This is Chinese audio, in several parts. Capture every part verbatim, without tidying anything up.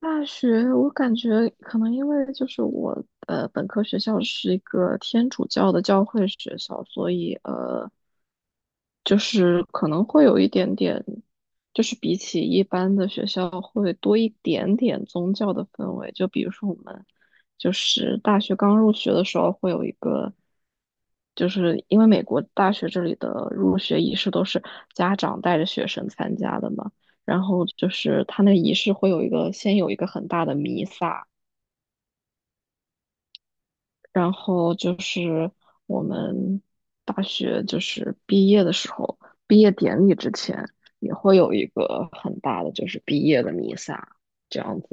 大学，我感觉可能因为就是我呃本科学校是一个天主教的教会学校，所以呃就是可能会有一点点，就是比起一般的学校会多一点点宗教的氛围。就比如说我们就是大学刚入学的时候会有一个，就是因为美国大学这里的入学仪式都是家长带着学生参加的嘛。然后就是他那个仪式会有一个先有一个很大的弥撒，然后就是我们大学就是毕业的时候，毕业典礼之前也会有一个很大的就是毕业的弥撒，这样子。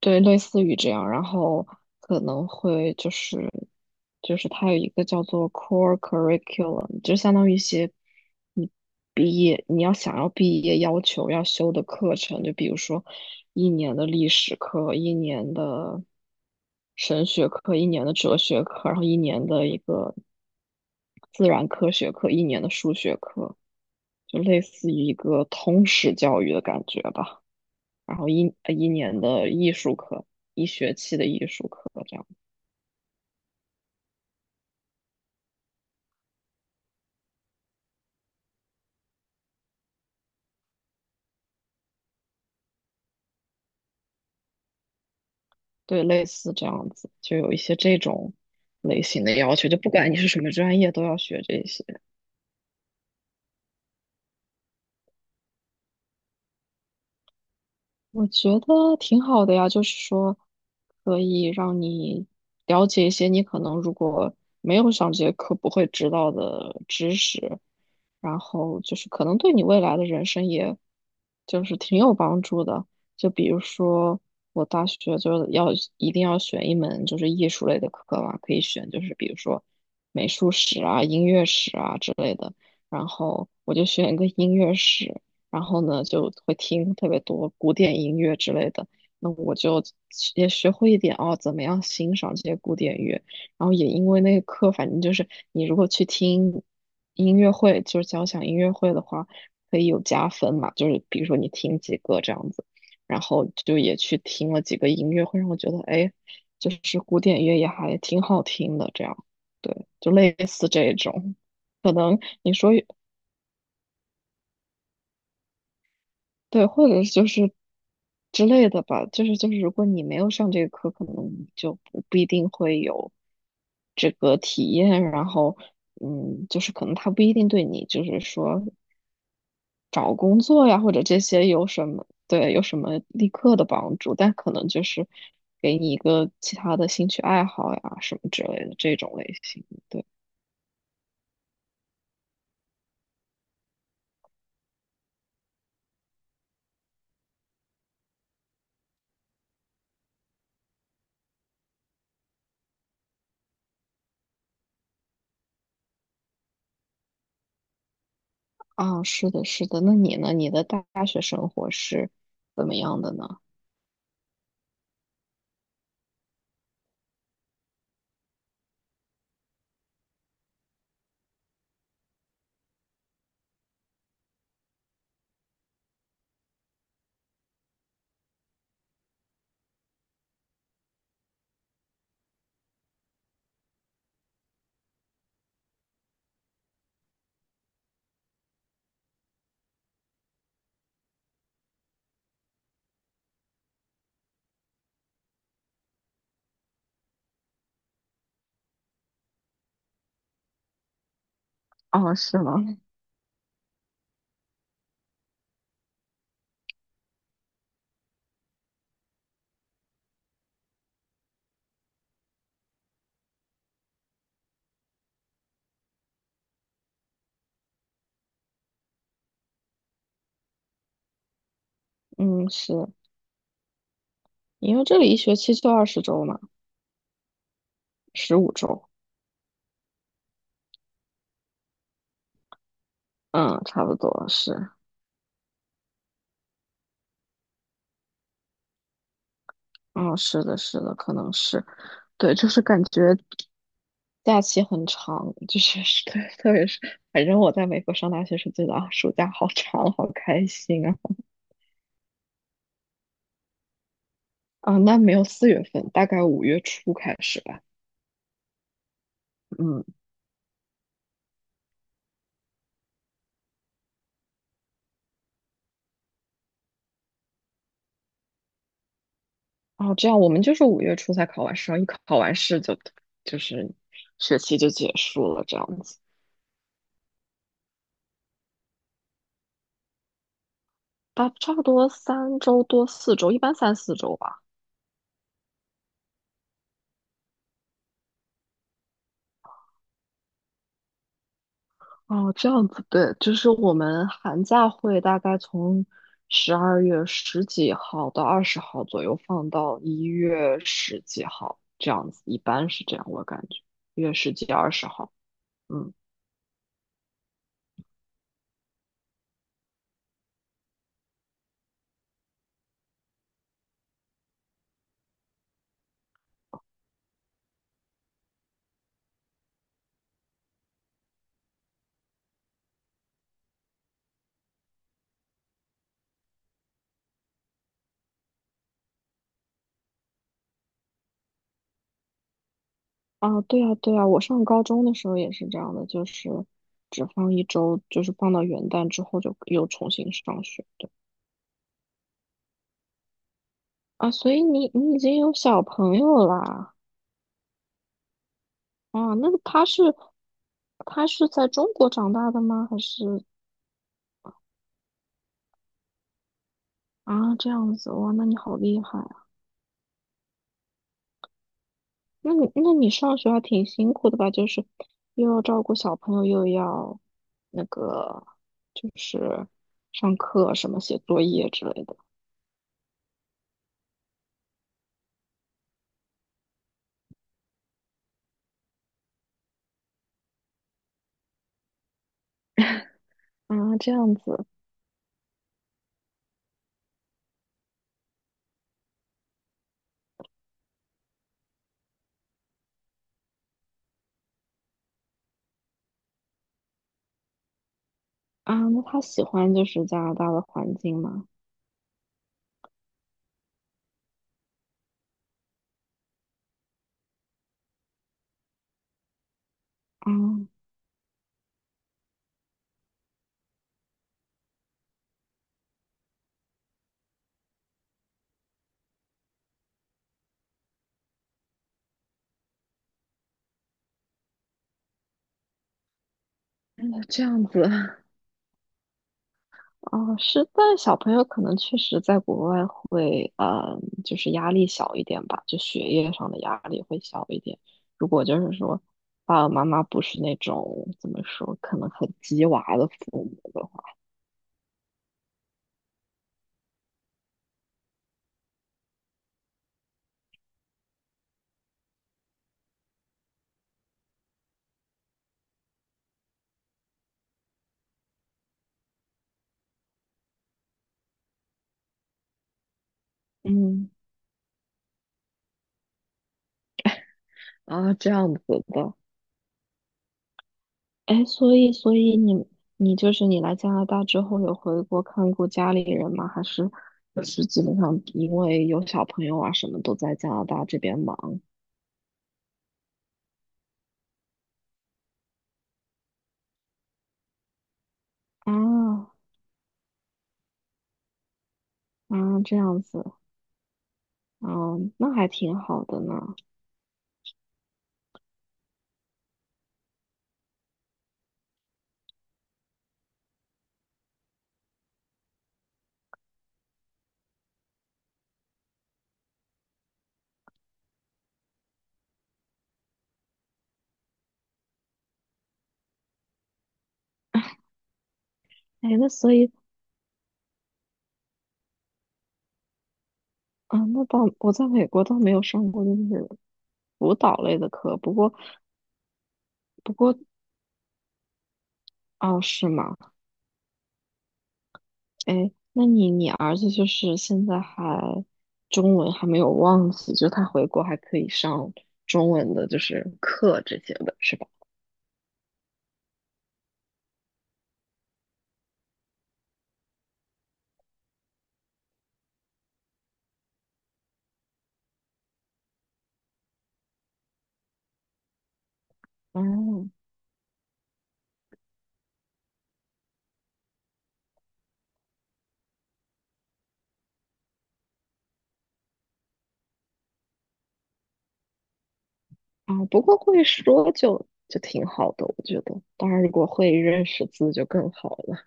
对，类似于这样，然后可能会就是就是它有一个叫做 core curriculum，就相当于一些你毕业你要想要毕业要求要修的课程，就比如说一年的历史课，一年的神学课，一年的哲学课，然后一年的一个自然科学课，一年的数学课，就类似于一个通识教育的感觉吧。然后一呃一年的艺术课，一学期的艺术课，这样，对，类似这样子，就有一些这种类型的要求，就不管你是什么专业，都要学这些。我觉得挺好的呀，就是说可以让你了解一些你可能如果没有上这节课不会知道的知识，然后就是可能对你未来的人生也就是挺有帮助的。就比如说我大学就要一定要选一门就是艺术类的课嘛，可以选就是比如说美术史啊、音乐史啊之类的，然后我就选一个音乐史。然后呢就会听特别多古典音乐之类的。那我就也学会一点哦，怎么样欣赏这些古典乐。然后也因为那个课，反正就是你如果去听音乐会，就是交响音乐会的话，可以有加分嘛。就是比如说你听几个这样子，然后就也去听了几个音乐会，让我觉得哎，就是古典乐也还挺好听的。这样，对，就类似这种。可能你说对，或者是就是之类的吧，就是就是，如果你没有上这个课，可能你就不不一定会有这个体验，然后嗯，就是可能他不一定对你就是说找工作呀或者这些有什么对有什么立刻的帮助，但可能就是给你一个其他的兴趣爱好呀什么之类的这种类型的对啊，是的，是的，那你呢？你的大大学生活是怎么样的呢？啊，是吗？嗯，是。因为这里一学期就二十周嘛，十五周，嗯，差不多是，嗯，是的，是的，可能是，对，就是感觉假期很长，就是是 对，特别是，反正我在美国上大学时觉得啊，暑假好长，好开心啊，啊，那没有四月份，大概五月初开始吧，嗯，哦，这样我们就是五月初才考完试，然后一考完试就就是学期就结束了，这样子，大差不多三周多四周，一般三四周吧。哦，这样子，对，就是我们寒假会大概从十二月十几号到二十号左右放到一月十几号，这样子，一般是这样，我感觉一月十几、二十号，嗯，啊，对啊，对啊，我上高中的时候也是这样的，就是只放一周，就是放到元旦之后就又重新上学的啊，所以你你已经有小朋友啦，啊，那他是他是在中国长大的吗？还是？啊，这样子哇，那你好厉害啊！那你那你上学还挺辛苦的吧？就是又要照顾小朋友，又要那个就是上课什么写作业之类的啊，这样子啊，那他喜欢就是加拿大的环境吗？啊，那这样子，哦，是，但小朋友可能确实在国外会，嗯，就是压力小一点吧，就学业上的压力会小一点。如果就是说，爸爸妈妈不是那种怎么说，可能很鸡娃的父母的话，嗯，啊，这样子的，哎，所以，所以你，你就是你来加拿大之后有回国看过家里人吗？还是就是基本上因为有小朋友啊，什么都在加拿大这边忙啊啊，这样子。嗯，那还挺好的呢。哎，那所以啊，那倒我在美国倒没有上过就是舞蹈类的课，不过不过哦，是吗？哎，那你你儿子就是现在还中文还没有忘记，就他回国还可以上中文的，就是课这些的，是吧？嗯啊，不过会说就就挺好的，我觉得。当然，如果会认识字就更好了。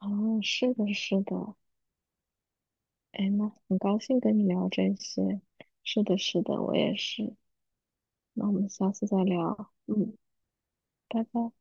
哦，是的，是的。哎，那很高兴跟你聊这些。是的，是的，我也是。那我们下次再聊。嗯，拜拜。